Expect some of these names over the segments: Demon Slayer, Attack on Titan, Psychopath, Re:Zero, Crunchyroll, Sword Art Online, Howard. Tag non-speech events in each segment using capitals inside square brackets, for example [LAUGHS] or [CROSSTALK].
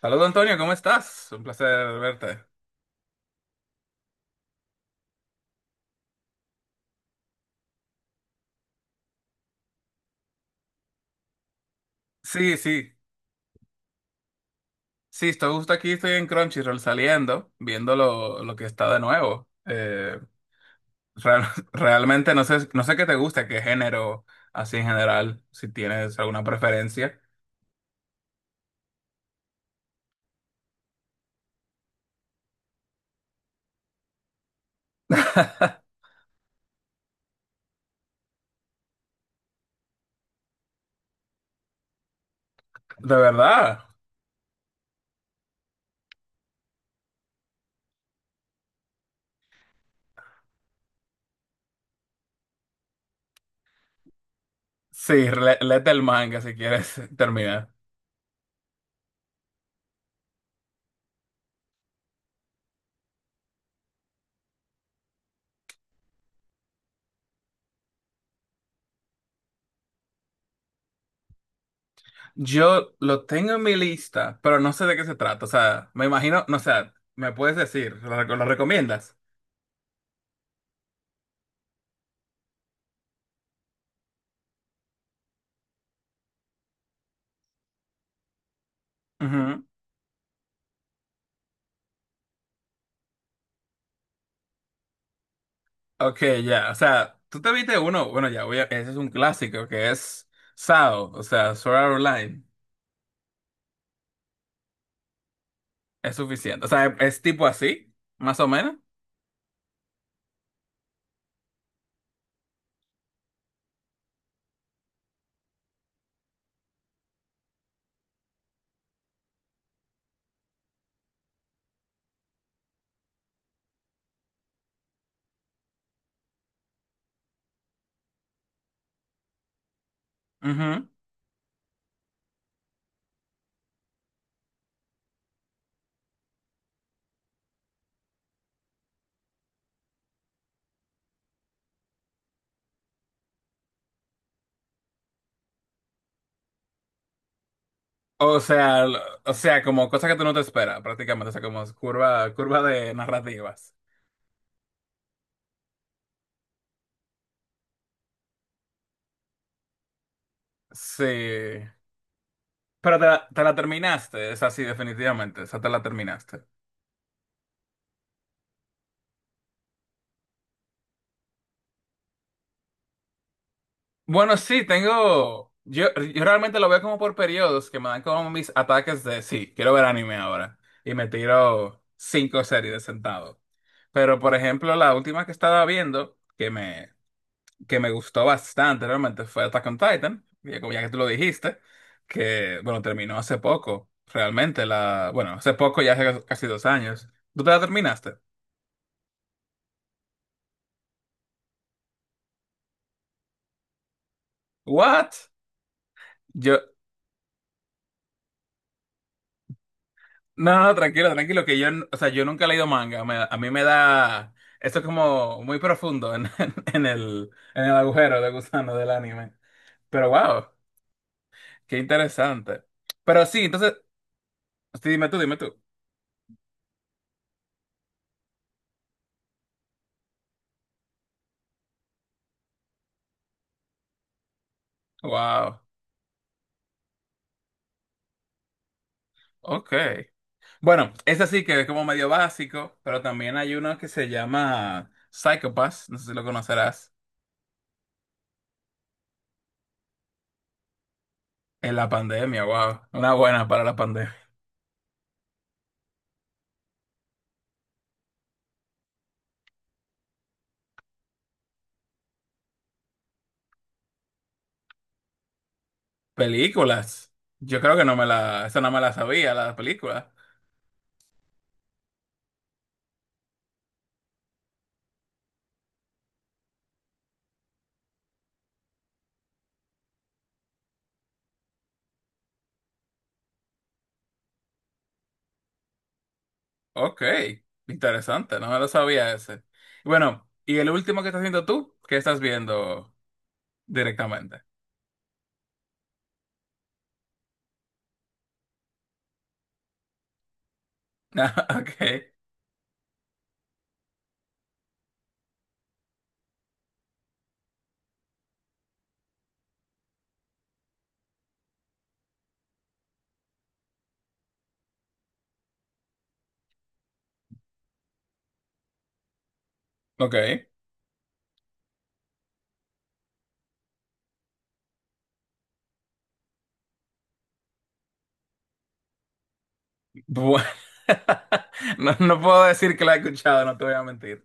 Saludos, Antonio, ¿cómo estás? Un placer verte. Sí, sí, sí, estoy justo aquí, estoy en Crunchyroll saliendo, viendo lo que está de nuevo. Real- [LAUGHS] Realmente no sé, no sé qué te gusta, qué género, así en general, si tienes alguna preferencia. [LAUGHS] De verdad. Sí, léete el manga si quieres [LAUGHS] terminar. Yo lo tengo en mi lista, pero no sé de qué se trata. O sea, me imagino, no sé, me puedes decir, lo recomiendas? Ujú. Ok, ya, o sea, tú te viste uno, bueno, ya, ese es un clásico que es SAO, o sea, Sword Art Online, es suficiente, o sea, es, tipo así, más o menos. Ujú. O sea, o sea, como cosas que tú no te esperas, prácticamente, o sea, como curva de narrativas, sí, pero te la terminaste, es así, definitivamente, o sea, te la terminaste. Bueno, sí, tengo. Yo realmente lo veo como por periodos que me dan como mis ataques de sí, quiero ver anime ahora. Y me tiro cinco series de sentado. Pero, por ejemplo, la última que estaba viendo, que me gustó bastante realmente, fue Attack on Titan. Ya, como ya que tú lo dijiste, que, bueno, terminó hace poco, realmente. La, bueno, hace poco, ya hace casi 2 años. ¿Tú te la terminaste? ¿What? Yo. No, no, tranquilo, tranquilo, que yo, o sea, yo nunca he leído manga, me, a mí me da, esto es como muy profundo en, [LAUGHS] en en el agujero de gusano del anime, pero wow, qué interesante, pero sí, entonces, sí, dime tú, wow, ok, bueno, ese sí que es como medio básico, pero también hay uno que se llama Psychopath, no sé si lo conocerás, en la pandemia, wow, una buena para la pandemia, películas, yo creo que no me la, esa no me la sabía, la película. Ok, interesante, no me lo sabía ese. Bueno, ¿y el último que estás viendo tú? ¿Qué estás viendo directamente? [LAUGHS] Ah, ok, ok. Bueno, [LAUGHS] no, no puedo decir que la he escuchado, no te voy a mentir.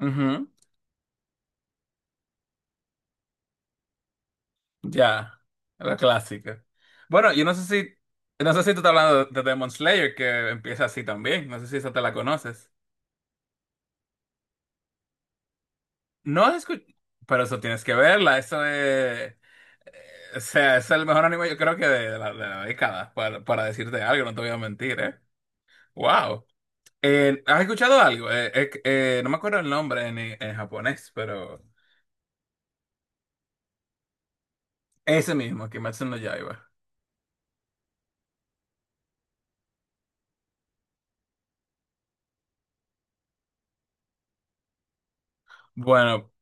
Ujú. Ya, la clásica. Bueno, yo no sé si, no sé si tú estás hablando de Demon Slayer, que empieza así también, no sé si esa te la conoces. No he escuchado, pero eso tienes que verla, eso de... O sea, es el mejor anime yo creo que de de la década, para decirte algo, no te voy a mentir, ¿eh? ¡Wow! ¿Has escuchado algo? No me acuerdo el nombre en japonés, pero ese mismo, Kimetsu no Yaiba. Bueno,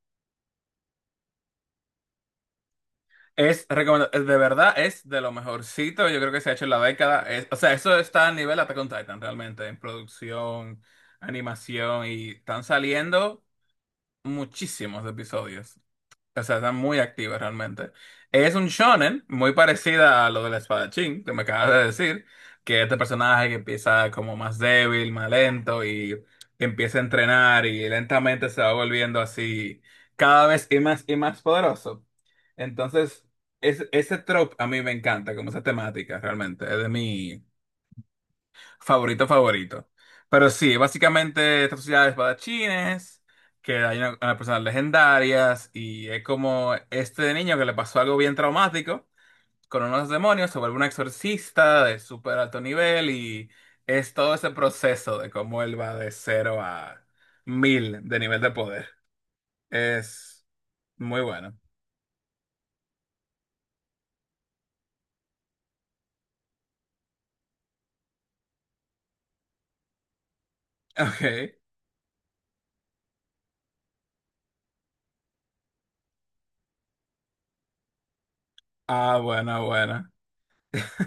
es de verdad es de lo mejorcito, yo creo que se ha hecho en la década. O sea, eso está a nivel Attack on Titan realmente, en producción, animación, y están saliendo muchísimos episodios. O sea, está muy activa realmente. Es un shonen muy parecida a lo del espadachín que me acabas de decir, que este personaje que empieza como más débil, más lento y empieza a entrenar y lentamente se va volviendo así cada vez y más poderoso. Entonces, es, ese trope a mí me encanta, como esa temática realmente, es de mí. Favorito, favorito. Pero sí, básicamente esta sociedad de espadachines, que hay una personas legendarias, y es como este niño que le pasó algo bien traumático con unos demonios, sobre un exorcista de súper alto nivel, y es todo ese proceso de cómo él va de cero a mil de nivel de poder. Es muy bueno. [LAUGHS] Ok. Ah, bueno, bueno. [LAUGHS]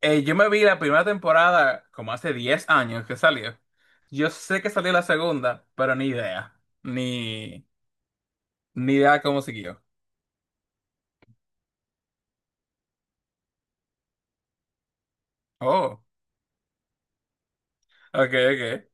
Yo me vi la primera temporada como hace 10 años que salió. Yo sé que salió la segunda, pero ni idea. Ni, ni idea cómo siguió. Oh, ok, ok.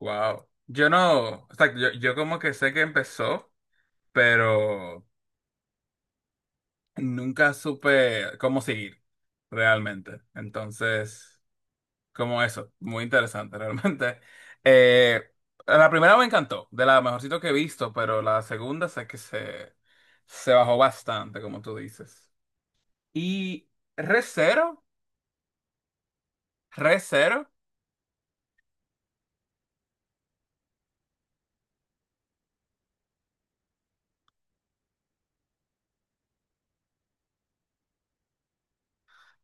Wow. Yo no, o sea, yo como que sé que empezó, pero nunca supe cómo seguir realmente. Entonces. Como eso, muy interesante [LAUGHS] realmente. Eh, la primera me encantó, de la mejorcito que he visto, pero la segunda sé que se bajó bastante, como tú dices. Y Re:Zero, Re:Zero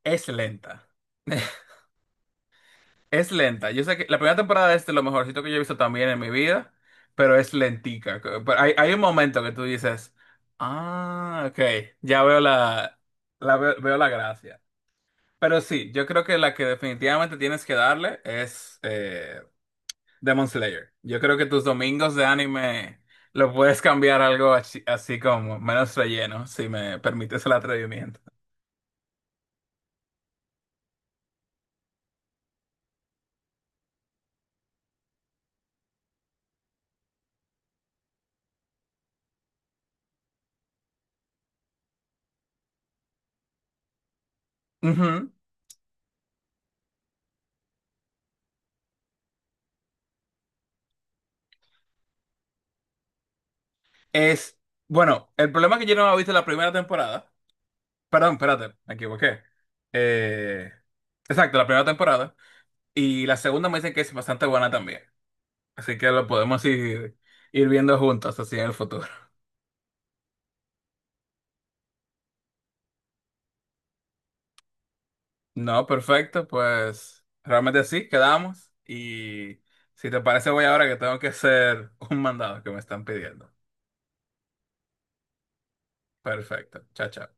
es lenta. [LAUGHS] Es lenta. Yo sé que la primera temporada es de este, lo mejorcito que yo he visto también en mi vida, pero es lentica. Pero hay un momento que tú dices, ah, ok, ya veo la veo la gracia. Pero sí, yo creo que la que definitivamente tienes que darle es Demon Slayer. Yo creo que tus domingos de anime lo puedes cambiar algo así, así como menos relleno, si me permites el atrevimiento. Ujú. Es, bueno, el problema es que yo no había visto la primera temporada. Perdón, espérate, me equivoqué. Eh, exacto, la primera temporada. Y la segunda me dicen que es bastante buena también. Así que lo podemos ir viendo juntos así en el futuro. No, perfecto, pues realmente sí, quedamos. Y si te parece, voy ahora que tengo que hacer [LAUGHS] un mandado que me están pidiendo. Perfecto, chao, chao.